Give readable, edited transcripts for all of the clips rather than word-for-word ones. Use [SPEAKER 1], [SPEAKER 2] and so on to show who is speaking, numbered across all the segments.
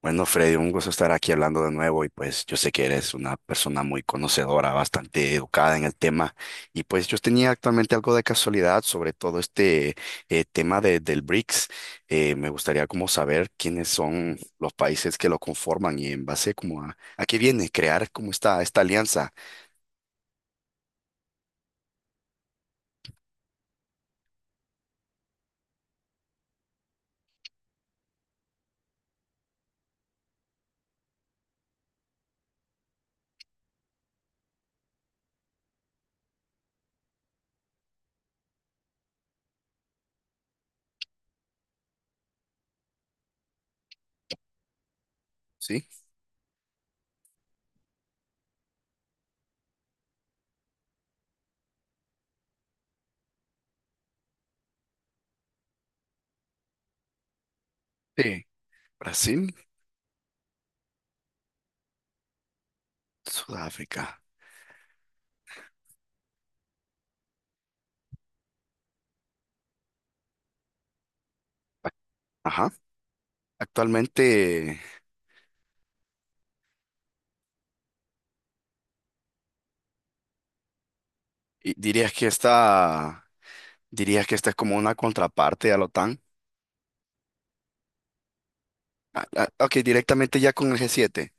[SPEAKER 1] Bueno, Freddy, un gusto estar aquí hablando de nuevo y pues yo sé que eres una persona muy conocedora, bastante educada en el tema y pues yo tenía actualmente algo de casualidad sobre todo este tema del BRICS. Me gustaría como saber quiénes son los países que lo conforman y en base como a qué viene crear como esta alianza, ¿sí? Sí. Brasil, Sudáfrica. Ajá. Actualmente dirías que dirías que esta es como una contraparte a la OTAN. Ah, ah, ok, directamente ya con el g siete,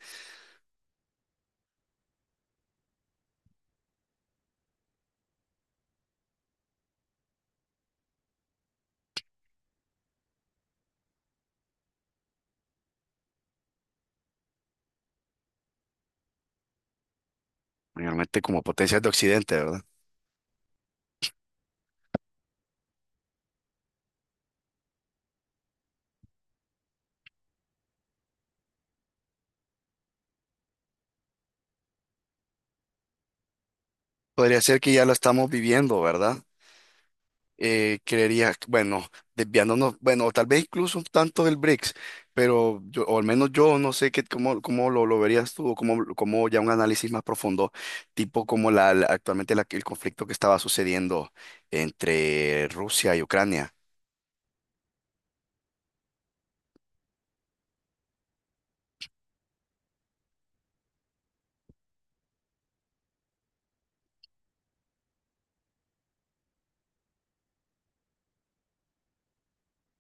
[SPEAKER 1] mayormente como potencias de Occidente, ¿verdad? Podría ser que ya lo estamos viviendo, ¿verdad? Creería, bueno, desviándonos, bueno, o tal vez incluso un tanto del BRICS, pero yo, o al menos yo no sé cómo lo verías tú, o cómo ya un análisis más profundo, tipo como actualmente el conflicto que estaba sucediendo entre Rusia y Ucrania.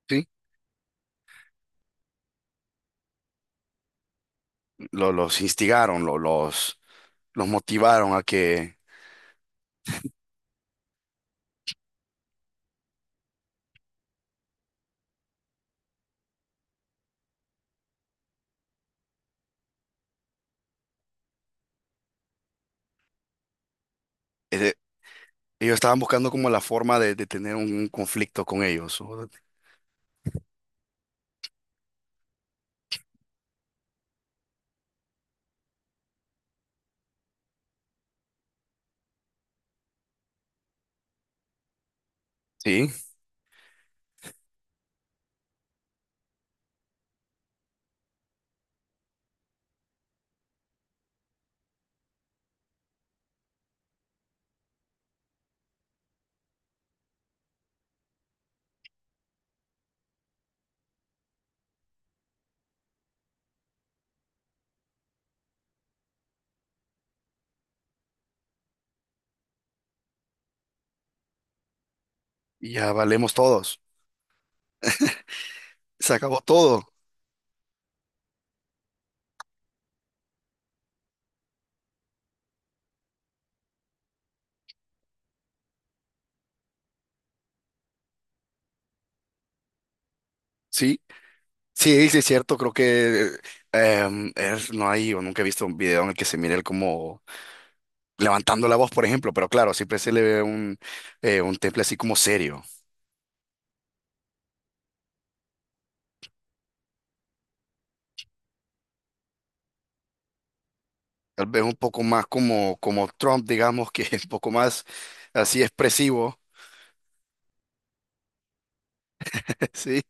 [SPEAKER 1] Sí. Los instigaron, los motivaron a que... eh, Ellos estaban buscando como la forma de tener un conflicto con ellos. O- Sí, y ya valemos todos. Se acabó todo. Sí, sí, sí, es cierto. Creo que no hay, o nunca he visto un video en el que se mire él como levantando la voz, por ejemplo. Pero claro, siempre se le ve un temple así como serio. Tal vez un poco más como, como Trump, digamos, que es un poco más así expresivo. Sí,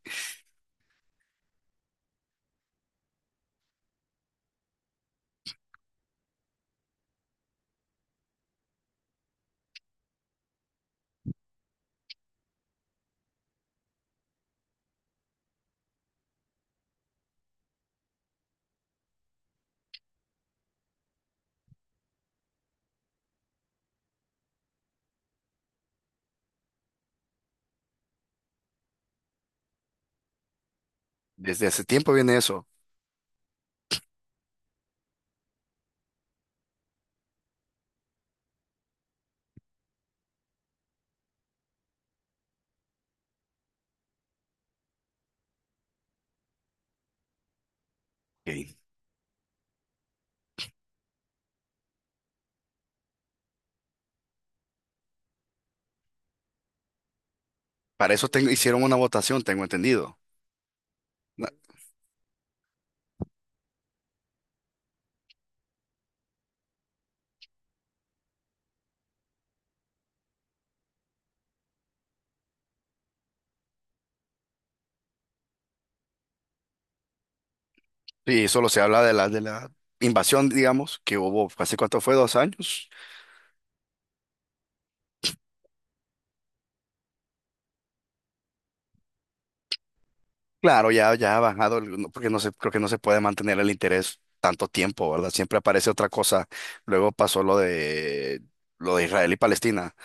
[SPEAKER 1] desde hace tiempo viene eso. Ok. Para eso hicieron una votación, tengo entendido. Sí, solo se habla de de la invasión, digamos, que hubo, ¿hace cuánto fue? ¿Dos años? Claro, ya, ya ha bajado, no, porque no se, creo que no se puede mantener el interés tanto tiempo, ¿verdad? Siempre aparece otra cosa. Luego pasó lo de lo de Israel y Palestina.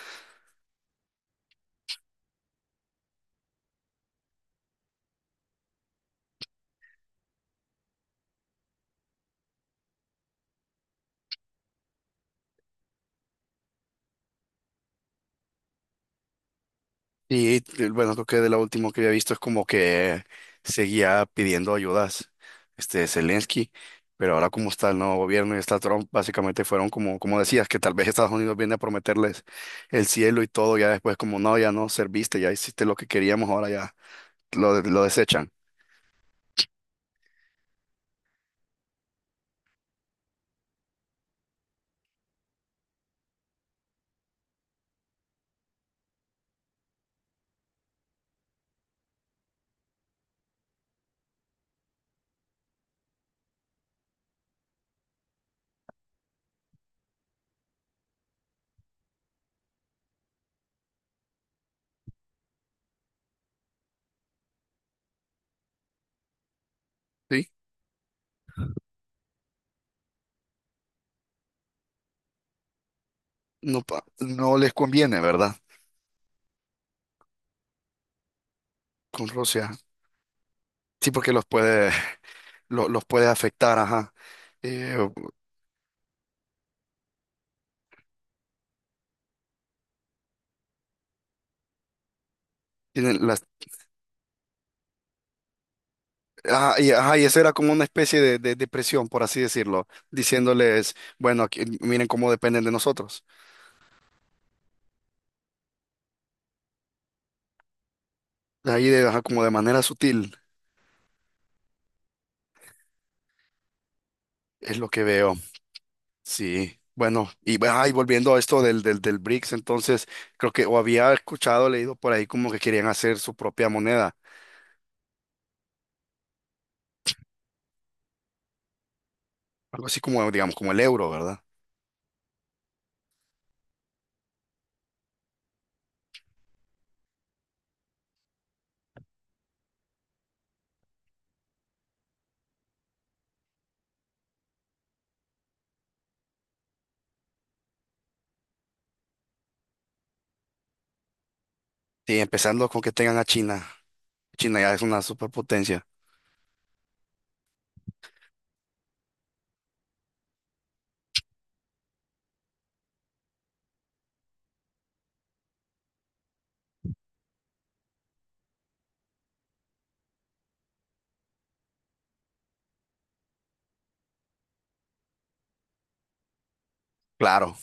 [SPEAKER 1] Y bueno, creo que de lo último que había visto es como que seguía pidiendo ayudas, este Zelensky, pero ahora como está el nuevo gobierno y está Trump, básicamente fueron como, como decías, que tal vez Estados Unidos viene a prometerles el cielo y todo, ya después como no, ya no serviste, ya hiciste lo que queríamos, ahora ya lo desechan. Sí, no, pa- no les conviene, ¿verdad? Con Rusia. Sí, porque los puede, los puede afectar, ajá. Eh, tienen- las- Ah, ajá, y eso era como una especie de presión, por así decirlo, diciéndoles, bueno, aquí- miren cómo dependen de nosotros. Ajá, como de manera sutil, es lo que veo. Sí, bueno, ajá, y volviendo a esto del BRICS, entonces creo que o había escuchado, leído por ahí como que querían hacer su propia moneda, algo así como, digamos, como el euro, ¿verdad? Sí, empezando con que tengan a China. China ya es una superpotencia. Claro,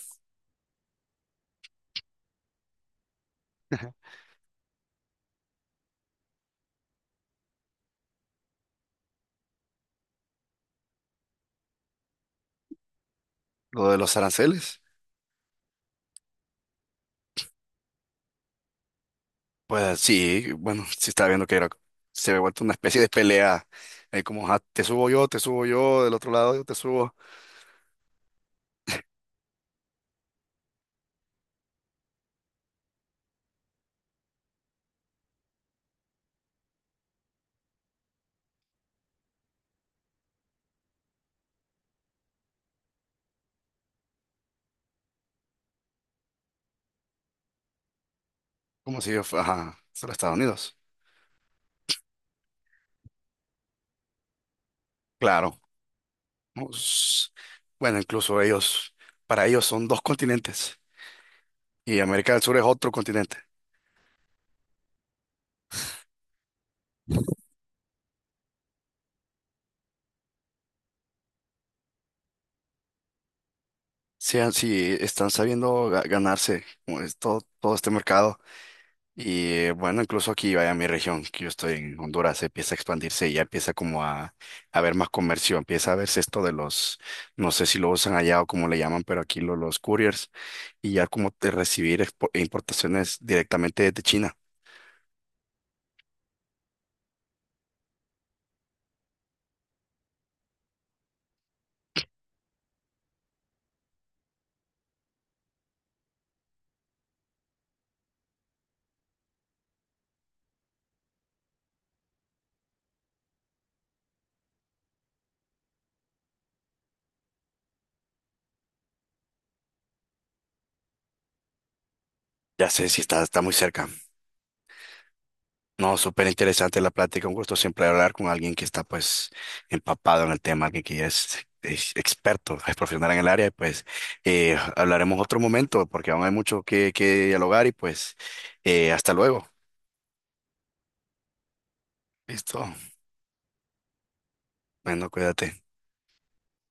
[SPEAKER 1] lo de los aranceles. Pues sí, bueno, sí estaba viendo que era, se había vuelto una especie de pelea, como "Ah, te subo yo, del otro lado yo te subo, como si yo fuera ajá, solo Estados Unidos. Claro. Pues, bueno, incluso ellos, para ellos son dos continentes y América del Sur es otro continente. Sean si están sabiendo ga- ganarse como es todo, todo este mercado. Y bueno, incluso aquí, vaya, mi región, que yo estoy en Honduras, empieza a expandirse y ya empieza como a haber más comercio, empieza a verse esto de los, no sé si lo usan allá o cómo le llaman, pero aquí los couriers y ya como de recibir expo- importaciones directamente desde China. Ya sé si está, está muy cerca. No, súper interesante la plática. Un gusto siempre hablar con alguien que está pues empapado en el tema, alguien que ya es experto, es profesional en el área. Pues hablaremos otro momento porque aún hay mucho que dialogar y pues hasta luego. Listo. Bueno, cuídate.